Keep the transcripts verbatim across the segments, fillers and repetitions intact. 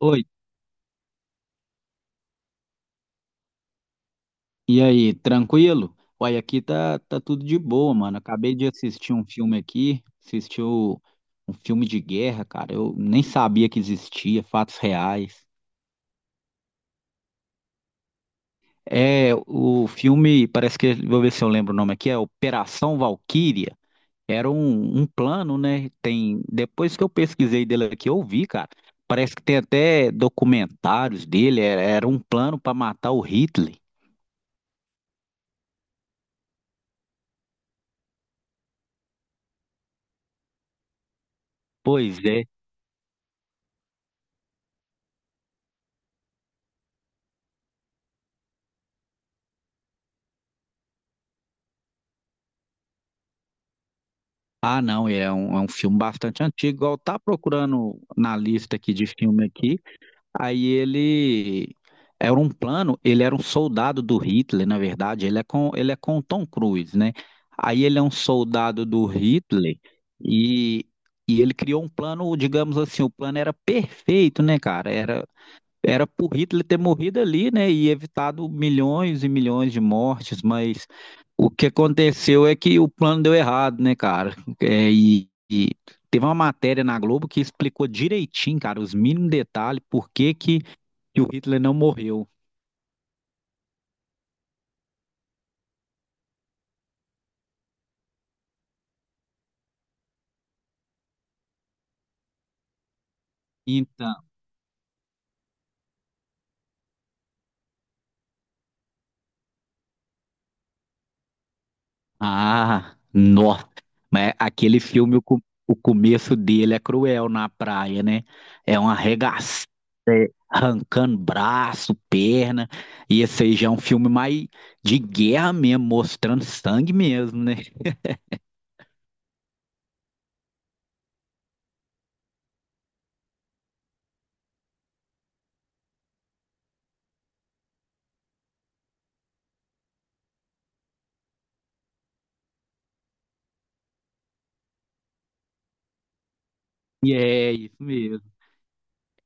Oi, e aí, tranquilo? Uai, aqui tá, tá tudo de boa, mano. Acabei de assistir um filme aqui, assistiu um filme de guerra, cara. Eu nem sabia que existia, fatos reais. É, o filme, parece que, vou ver se eu lembro o nome aqui, é Operação Valquíria. Era um, um plano, né? Tem, depois que eu pesquisei dele aqui, eu vi, cara. Parece que tem até documentários dele, era, era um plano para matar o Hitler. Pois é. Ah, não, é um, é um filme bastante antigo. Igual tá procurando na lista aqui de filme aqui. Aí ele era um plano, ele era um soldado do Hitler, na verdade, ele é com ele é com o Tom Cruise, né? Aí ele é um soldado do Hitler e e ele criou um plano, digamos assim, o plano era perfeito, né, cara? Era era pro Hitler ter morrido ali, né, e evitado milhões e milhões de mortes, mas o que aconteceu é que o plano deu errado, né, cara? É, e, e teve uma matéria na Globo que explicou direitinho, cara, os mínimos detalhes, por que que, que o Hitler não morreu. Então, ah, nossa. Mas aquele filme, o, co- o começo dele é cruel na praia, né? É uma arregaçada, é, arrancando braço, perna. E esse aí já é um filme mais de guerra mesmo, mostrando sangue mesmo, né? E é isso mesmo.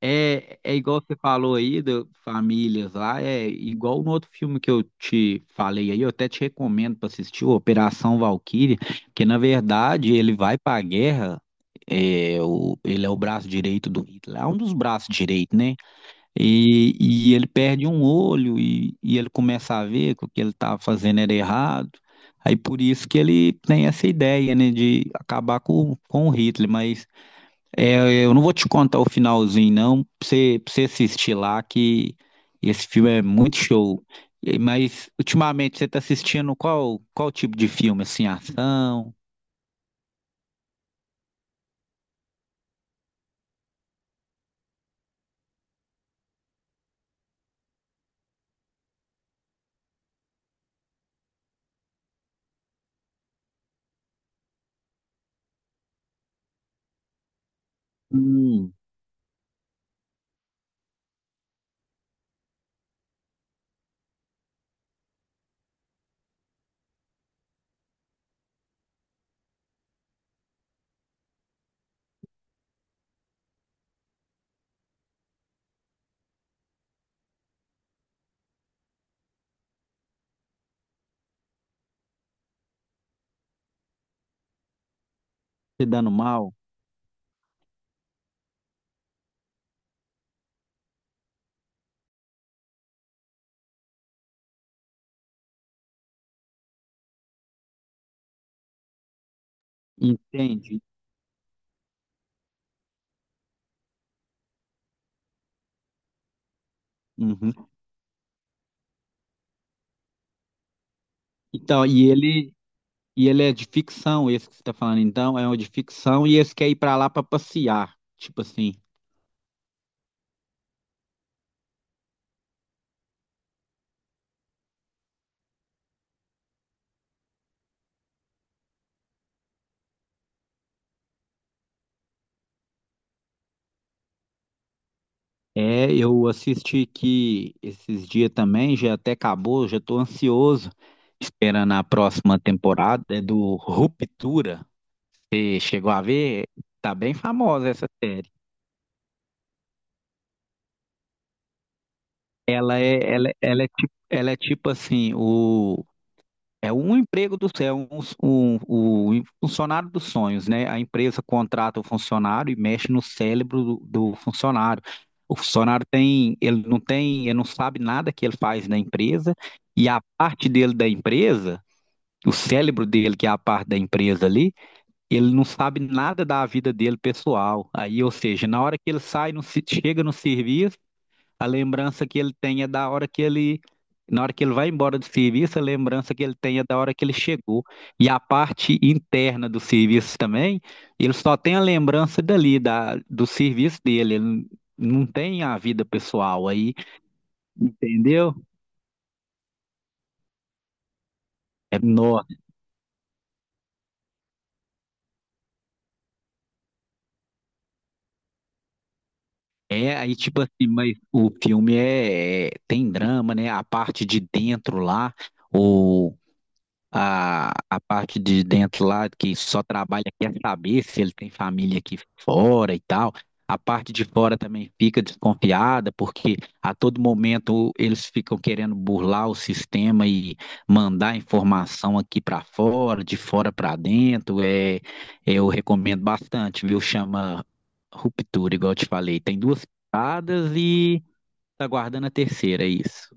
É, é igual você falou aí, do, famílias lá, é igual no outro filme que eu te falei aí, eu até te recomendo para assistir, o Operação Valquíria, que na verdade ele vai para a guerra, é, o, ele é o braço direito do Hitler, é um dos braços direitos, né? E, e ele perde um olho e, e ele começa a ver que o que ele estava fazendo era errado, aí por isso que ele tem essa ideia, né, de acabar com, com o Hitler, mas. É, eu não vou te contar o finalzinho, não, pra você, pra você assistir lá, que esse filme é muito show. E- Mas, ultimamente, você tá assistindo qual, qual tipo de filme? Assim, ação? Hum, se dando mal? Entende? Uhum. Então, e ele, e ele é de ficção, esse que você tá falando, então, é um de ficção, e esse quer ir pra lá pra passear. Tipo assim. É, eu assisti que esses dias também, já até acabou, já estou ansioso, esperando a próxima temporada, é do Ruptura. Você chegou a ver? Tá bem famosa essa série. Ela é, ela, é, ela é tipo, ela é tipo assim, o É um emprego do céu, um, um, um funcionário dos sonhos, né? A empresa contrata o funcionário e mexe no cérebro do, do funcionário. O funcionário tem, ele não tem, ele não sabe nada que ele faz na empresa e a parte dele da empresa, o cérebro dele que é a parte da empresa ali, ele não sabe nada da vida dele pessoal. Aí, ou seja, na hora que ele sai, no, se- chega no serviço a lembrança que ele tem é da hora que ele, na hora que ele vai embora do serviço, a lembrança que ele tem é da hora que ele chegou. E a parte interna do serviço também, ele só tem a lembrança dali, da, do serviço dele. Ele não tem a vida pessoal aí, entendeu? É, nó. É aí, tipo assim, mas o filme é, é- tem drama, né? A parte de dentro lá, o a, a parte de dentro lá, que só trabalha, quer saber se ele tem família aqui fora e tal. A parte de fora também fica desconfiada, porque a todo momento eles ficam querendo burlar o sistema e mandar informação aqui para fora, de fora para dentro. É, eu recomendo bastante, viu? Chama Ruptura, igual eu te falei. Tem duas paradas e tá guardando a terceira, é isso.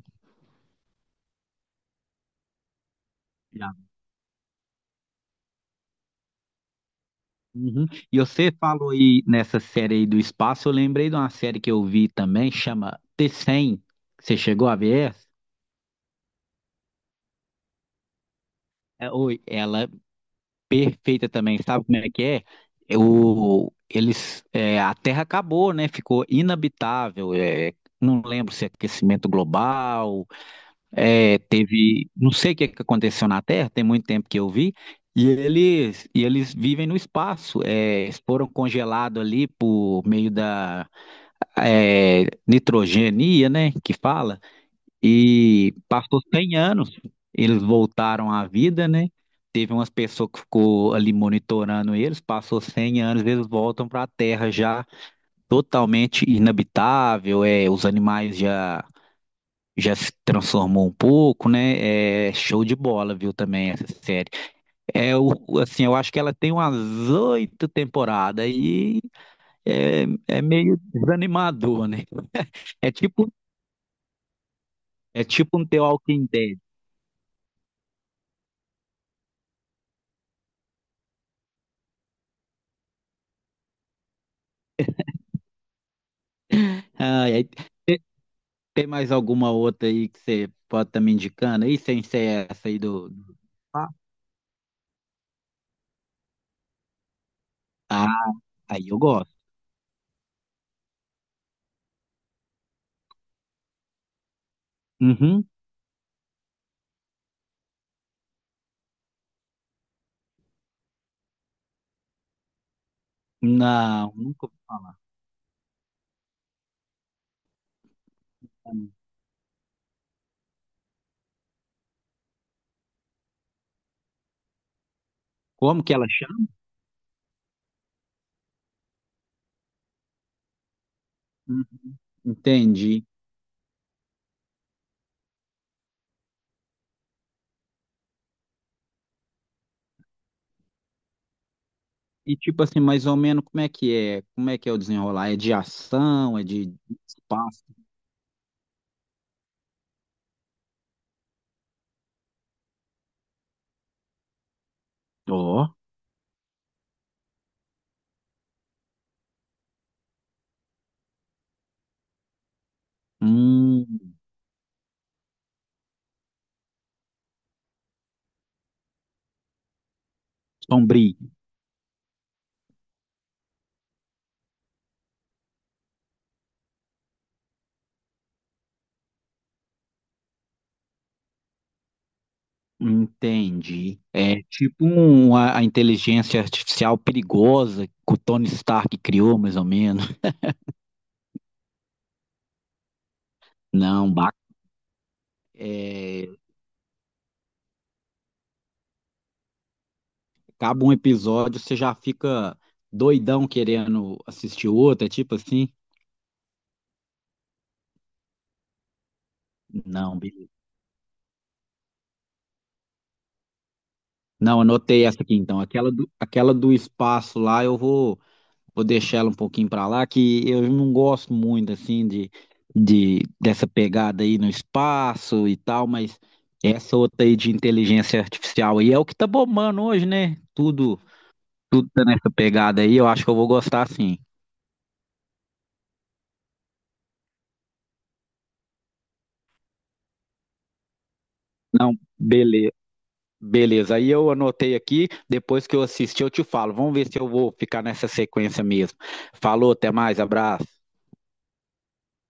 Uhum. E você falou aí nessa série aí do espaço, eu lembrei de uma série que eu vi também, chama T cem. Você chegou a ver essa? É, oi, ela é perfeita também, sabe como é que é? Eu, eles, é, a Terra acabou, né? Ficou inabitável. É, não lembro se é aquecimento global, é, teve, não sei o que é que aconteceu na Terra, tem muito tempo que eu vi. E eles, e eles vivem no espaço, é, eles foram congelados ali por meio da é, nitrogenia, né, que fala, e passou cem anos, eles voltaram à vida, né, teve umas pessoas que ficou ali monitorando eles, passou cem anos, eles voltam para a Terra já totalmente inabitável, é, os animais já já se transformou um pouco, né? É show de bola, viu, também essa série. É o, assim, eu acho que ela tem umas oito temporadas e é, é meio desanimador, né? É tipo É tipo um The Walking Dead. Ah, e aí tem mais alguma outra aí que você pode estar me indicando? Aí sem ser essa aí do. do- Ah, ah, aí eu gosto. Uhum. Não, nunca ouvi falar. Como que ela chama? Uhum. Entendi. E tipo assim, mais ou menos como é que é? Como é que é o desenrolar? É de ação? É de espaço? Ó. Hum, sombrio. Entendi. É tipo um, a, a inteligência artificial perigosa que o Tony Stark criou, mais ou menos. Não, ba- é, acaba um episódio, você já fica doidão querendo assistir outro, é tipo assim? Não, beleza. Não, anotei essa aqui então. Aquela do, aquela do espaço lá, eu vou, vou deixar ela um pouquinho pra lá, que eu não gosto muito assim de, de dessa pegada aí no espaço e tal, mas essa outra aí de inteligência artificial aí é o que tá bombando hoje, né? Tudo, tudo tá nessa pegada aí, eu acho que eu vou gostar sim. Não, beleza. Beleza, aí eu anotei aqui, depois que eu assistir eu te falo. Vamos ver se eu vou ficar nessa sequência mesmo. Falou, até mais, abraço.